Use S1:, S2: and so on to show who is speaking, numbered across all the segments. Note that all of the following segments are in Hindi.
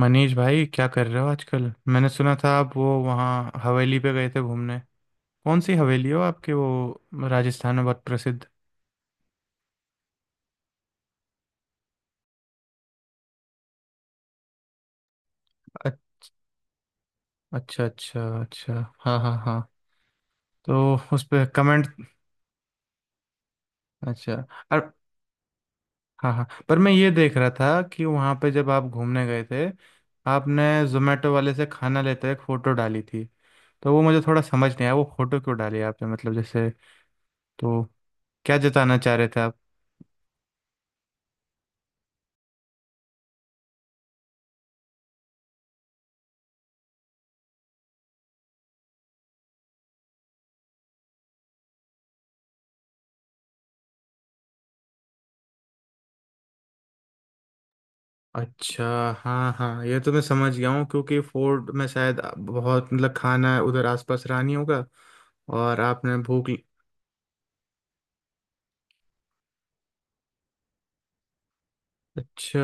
S1: मनीष भाई, क्या कर रहे हो आजकल? मैंने सुना था आप वो वहाँ हवेली पे गए थे घूमने। कौन सी हवेली हो आपके, वो राजस्थान में बहुत प्रसिद्ध। अ- अच्छा अच्छा अच्छा। हाँ हाँ हाँ। तो उस पे कमेंट। अच्छा। और हाँ हाँ, पर मैं ये देख रहा था कि वहाँ पे जब आप घूमने गए थे, आपने जोमेटो वाले से खाना लेते हुए एक फ़ोटो डाली थी। तो वो मुझे थोड़ा समझ नहीं आया, वो फ़ोटो क्यों डाली आपने, मतलब जैसे, तो क्या जताना चाह रहे थे? अच्छा। हाँ हाँ, ये तो मैं समझ गया हूँ क्योंकि फोर्ट में शायद बहुत मतलब खाना उधर आसपास रानी होगा और आपने भूख। अच्छा।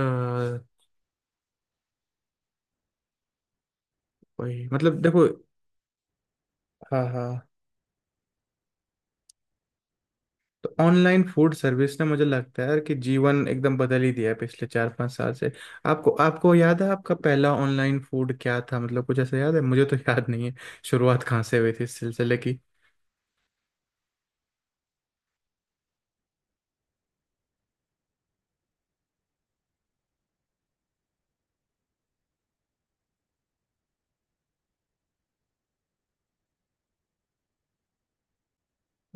S1: वही मतलब, देखो। हाँ हाँ, तो ऑनलाइन फूड सर्विस ने मुझे लगता है यार, कि जीवन एकदम बदल ही दिया है पिछले 4 5 साल से। आपको आपको याद है, आपका पहला ऑनलाइन फूड क्या था, मतलब कुछ ऐसा याद है? मुझे तो याद नहीं है। शुरुआत कहाँ से हुई थी इस सिलसिले की?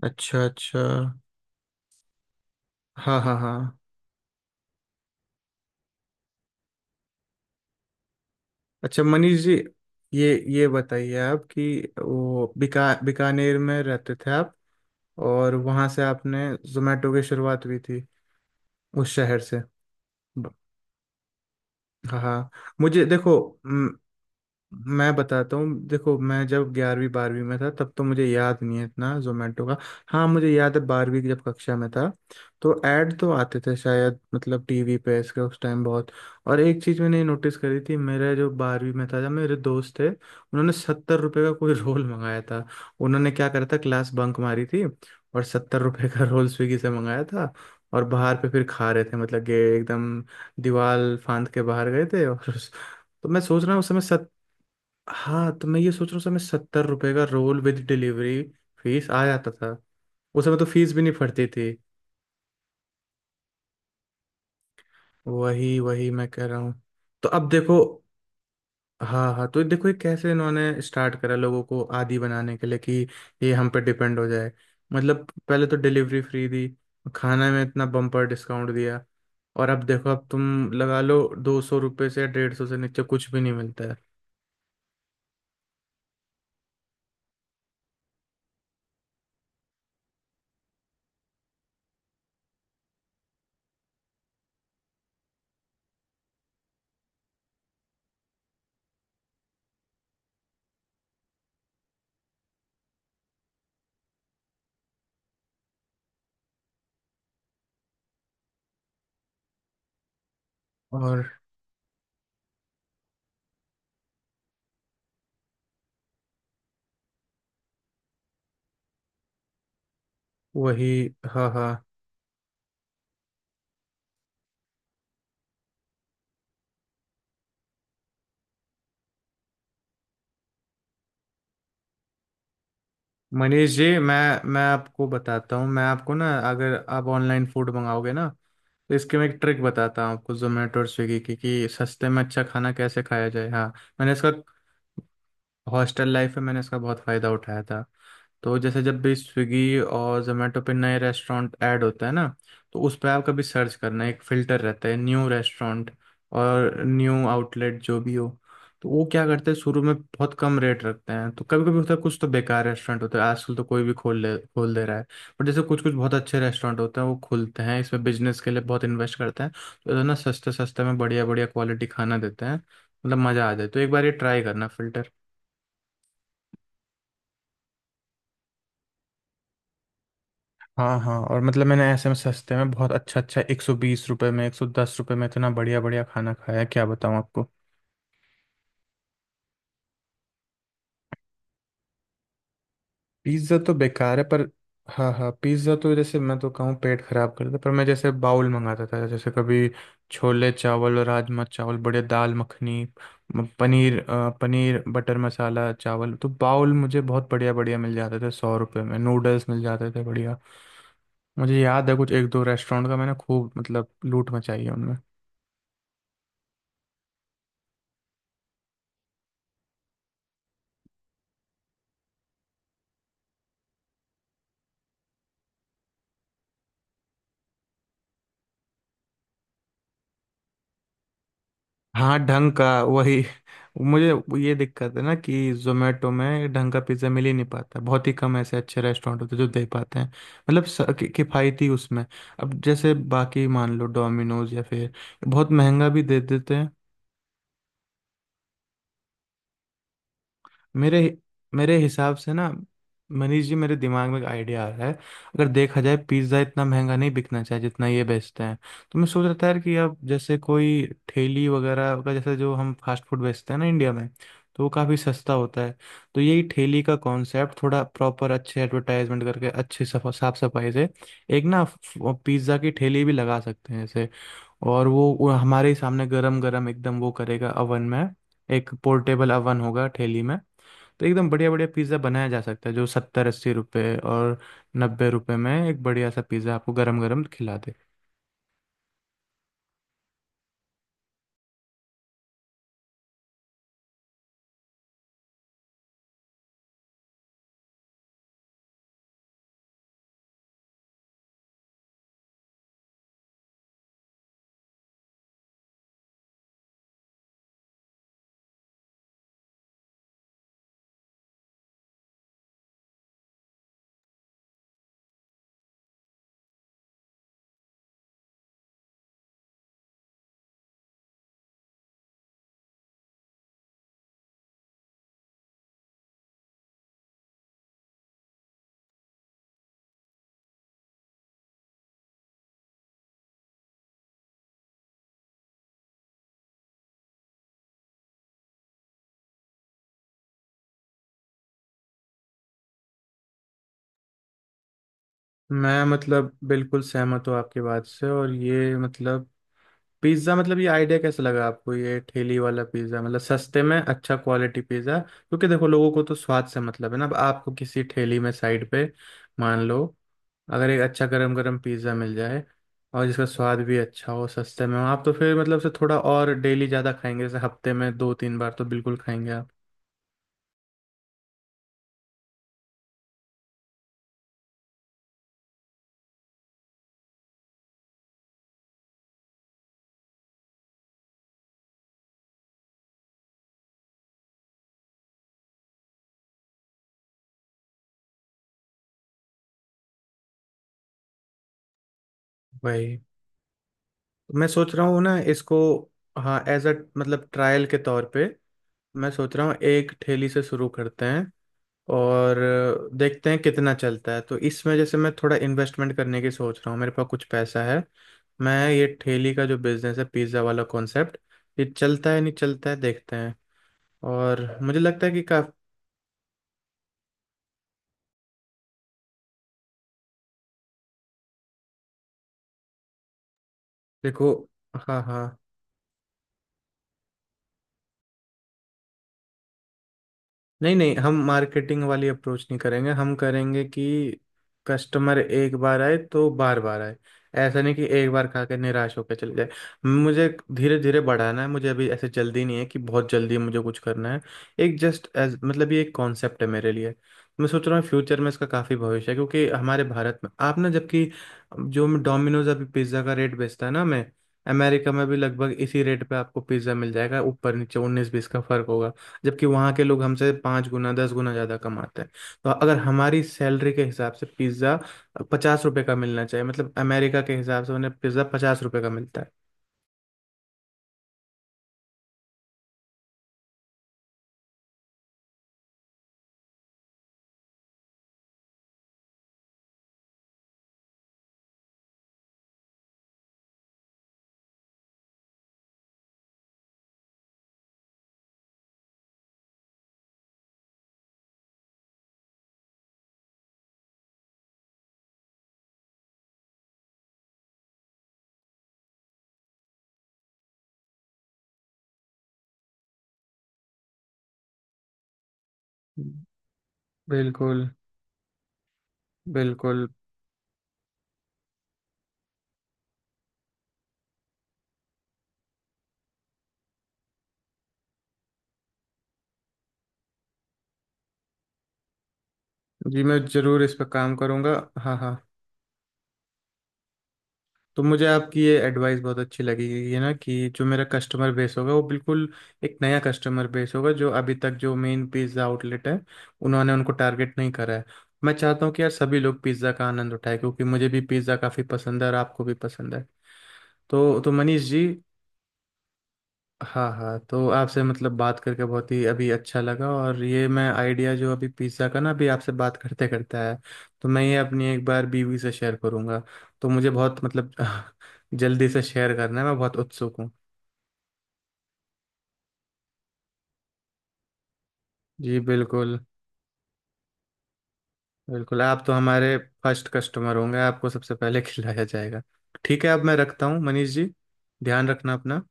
S1: अच्छा अच्छा। हाँ हाँ हाँ। अच्छा मनीष जी, ये बताइए आप कि वो बीकानेर में रहते थे आप, और वहाँ से आपने जोमेटो की शुरुआत हुई थी उस शहर से। ब- हाँ हाँ। मुझे देखो, मैं बताता हूँ। देखो मैं जब 11वीं 12वीं में था तब तो मुझे याद नहीं है इतना जोमेटो का। हाँ मुझे याद है, 12वीं की जब कक्षा में था तो ऐड तो आते थे शायद, मतलब टीवी पे इसके उस टाइम बहुत। और एक चीज़ मैंने नोटिस करी थी, मेरे जो 12वीं में था जब, मेरे दोस्त थे उन्होंने 70 रुपये का कोई रोल मंगाया था। उन्होंने क्या करा था, क्लास बंक मारी थी और 70 रुपये का रोल स्विगी से मंगाया था, और बाहर पे फिर खा रहे थे, मतलब कि एकदम दीवार फांद के बाहर गए थे। और तो मैं सोच रहा हूँ उस समय सत हाँ, तो मैं ये सोच रहा हूँ उस समय 70 रुपये का रोल विद डिलीवरी फीस आ जाता था। उस समय तो फीस भी नहीं फटती थी। वही वही मैं कह रहा हूँ। तो अब देखो। हाँ हाँ, तो देखो ये कैसे इन्होंने स्टार्ट करा लोगों को आदी बनाने के लिए, कि ये हम पे डिपेंड हो जाए। मतलब पहले तो डिलीवरी फ्री दी, खाना में इतना बम्पर डिस्काउंट दिया, और अब देखो, अब तुम लगा लो 200 रुपये से या 150 से नीचे कुछ भी नहीं मिलता है। और वही। हाँ हाँ। मनीष जी, मैं आपको बताता हूँ। मैं आपको ना, अगर आप ऑनलाइन फूड मंगाओगे ना, तो इसके मैं एक ट्रिक बताता हूँ आपको, जोमेटो और स्विगी की, कि सस्ते में अच्छा खाना कैसे खाया जाए। हाँ। मैंने इसका हॉस्टल लाइफ में मैंने इसका बहुत फ़ायदा उठाया था। तो जैसे जब भी स्विगी और जोमेटो पे नए रेस्टोरेंट ऐड होते हैं ना, तो उस पर आप कभी सर्च करना, एक फ़िल्टर रहता है न्यू रेस्टोरेंट, और न्यू आउटलेट जो भी हो। तो वो क्या करते हैं, शुरू में बहुत कम रेट रखते हैं। तो कभी कभी होता है, कुछ तो बेकार रेस्टोरेंट होते हैं, आजकल तो कोई भी खोल ले, खोल दे रहा है। पर जैसे कुछ कुछ बहुत अच्छे रेस्टोरेंट होते हैं, वो खुलते हैं, इसमें बिजनेस के लिए बहुत इन्वेस्ट करते हैं, तो इतना सस्ते सस्ते में बढ़िया बढ़िया क्वालिटी खाना देते हैं, मतलब मज़ा आ जाए। तो एक बार ये ट्राई करना फ़िल्टर। हाँ हाँ, और मतलब मैंने ऐसे में सस्ते में बहुत अच्छा अच्छा, 120 रुपये में, 110 रुपये में इतना बढ़िया बढ़िया खाना खाया है, क्या बताऊँ आपको। पिज्ज़ा तो बेकार है पर। हाँ हाँ, पिज्ज़ा तो जैसे मैं तो कहूँ पेट खराब करता। पर मैं जैसे बाउल मंगाता था, जैसे कभी छोले चावल और राजमा चावल बढ़िया, दाल मखनी, पनीर बटर मसाला चावल, तो बाउल मुझे बहुत बढ़िया बढ़िया मिल जाते थे, 100 रुपये में नूडल्स मिल जाते थे बढ़िया। मुझे याद है, कुछ एक दो रेस्टोरेंट का मैंने खूब मतलब लूट मचाई है। हाँ, ढंग का वही। मुझे ये दिक्कत है ना कि जोमेटो में ढंग का पिज्ज़ा मिल ही नहीं पाता, बहुत ही कम ऐसे अच्छे रेस्टोरेंट होते हैं जो दे पाते हैं, मतलब किफ़ायती उसमें। अब जैसे बाकी मान लो डोमिनोज या फिर, बहुत महंगा भी दे देते हैं। मेरे मेरे हिसाब से ना मनीष जी, मेरे दिमाग में एक आइडिया आ रहा है। अगर देखा जाए, पिज्ज़ा इतना महंगा नहीं बिकना चाहिए जितना ये बेचते हैं। तो मैं सोच रहा था यार कि अब जैसे कोई ठेली वगैरह का, जैसे जो हम फास्ट फूड बेचते हैं ना इंडिया में, तो वो काफ़ी सस्ता होता है। तो यही ठेली का कॉन्सेप्ट थोड़ा प्रॉपर अच्छे एडवर्टाइजमेंट करके, अच्छे साफ सफाई से, एक ना, पिज़्ज़ा की ठेली भी लगा सकते हैं जैसे। और वो हमारे ही सामने गरम गरम एकदम वो करेगा अवन में। एक पोर्टेबल अवन होगा ठेली में। तो एकदम बढ़िया बढ़िया पिज़्ज़ा बनाया जा सकता है, जो 70 80 रुपये और 90 रुपये में एक बढ़िया सा पिज़्ज़ा आपको गरम गरम खिला दे। मैं मतलब बिल्कुल सहमत हूँ आपकी बात से, और ये मतलब पिज्ज़ा, मतलब ये आइडिया कैसे लगा आपको, ये ठेली वाला पिज़्ज़ा मतलब सस्ते में अच्छा क्वालिटी पिज़्ज़ा, क्योंकि देखो लोगों को तो स्वाद से मतलब है ना। अब आपको किसी ठेली में साइड पे, मान लो अगर एक अच्छा गरम गरम पिज़्ज़ा मिल जाए, और जिसका स्वाद भी अच्छा हो, सस्ते में हो, आप तो फिर मतलब से थोड़ा और डेली ज़्यादा खाएंगे, जैसे हफ्ते में दो तीन बार तो बिल्कुल खाएंगे आप। वही, मैं सोच रहा हूँ ना इसको। हाँ, एज अ मतलब ट्रायल के तौर पे, मैं सोच रहा हूँ एक ठेली से शुरू करते हैं, और देखते हैं कितना चलता है। तो इसमें जैसे मैं थोड़ा इन्वेस्टमेंट करने की सोच रहा हूँ, मेरे पास कुछ पैसा है। मैं ये ठेली का जो बिजनेस है, पिज्ज़ा वाला कॉन्सेप्ट, ये चलता है नहीं चलता है देखते हैं। और मुझे लगता है कि का, देखो, हाँ हाँ, नहीं नहीं, हम मार्केटिंग वाली अप्रोच नहीं करेंगे। हम करेंगे कि कस्टमर एक बार आए तो बार बार आए, ऐसा नहीं कि एक बार खा के निराश होकर चले जाए। मुझे धीरे धीरे बढ़ाना है, मुझे अभी ऐसे जल्दी नहीं है कि बहुत जल्दी मुझे कुछ करना है। एक जस्ट एज मतलब ये एक कॉन्सेप्ट है मेरे लिए। मैं सोच रहा हूँ फ्यूचर में इसका काफ़ी भविष्य है, क्योंकि हमारे भारत में आप ना, जबकि जो डोमिनोज अभी पिज्ज़ा का रेट बेचता है ना, मैं अमेरिका में भी लगभग इसी रेट पे आपको पिज्ज़ा मिल जाएगा, ऊपर नीचे उन्नीस बीस का फर्क होगा। जबकि वहाँ के लोग हमसे 5 गुना 10 गुना ज़्यादा कमाते हैं। तो अगर हमारी सैलरी के हिसाब से पिज़्ज़ा 50 रुपए का मिलना चाहिए, मतलब अमेरिका के हिसाब से उन्हें पिज़्ज़ा 50 रुपए का मिलता है। बिल्कुल बिल्कुल। जी मैं ज़रूर इस पर काम करूँगा। हाँ हाँ, तो मुझे आपकी ये एडवाइस बहुत अच्छी लगी, ये ना कि जो मेरा कस्टमर बेस होगा वो बिल्कुल एक नया कस्टमर बेस होगा, जो अभी तक जो मेन पिज़्ज़ा आउटलेट है उन्होंने उनको टारगेट नहीं करा है। मैं चाहता हूँ कि यार सभी लोग पिज़्ज़ा का आनंद उठाए, क्योंकि मुझे भी पिज़्ज़ा काफ़ी पसंद है, और आपको भी पसंद है। तो मनीष जी, हाँ हाँ, तो आपसे मतलब बात करके बहुत ही अभी अच्छा लगा, और ये मैं आइडिया जो अभी पिज़्ज़ा का ना, अभी आपसे बात करते करते आया, तो मैं ये अपनी एक बार बीवी से शेयर करूँगा। तो मुझे बहुत मतलब जल्दी से शेयर करना है, मैं बहुत उत्सुक हूँ। जी बिल्कुल। बिल्कुल, आप तो हमारे फर्स्ट कस्टमर होंगे, आपको सबसे पहले खिलाया जाएगा। ठीक है, अब मैं रखता हूँ मनीष जी। ध्यान रखना अपना।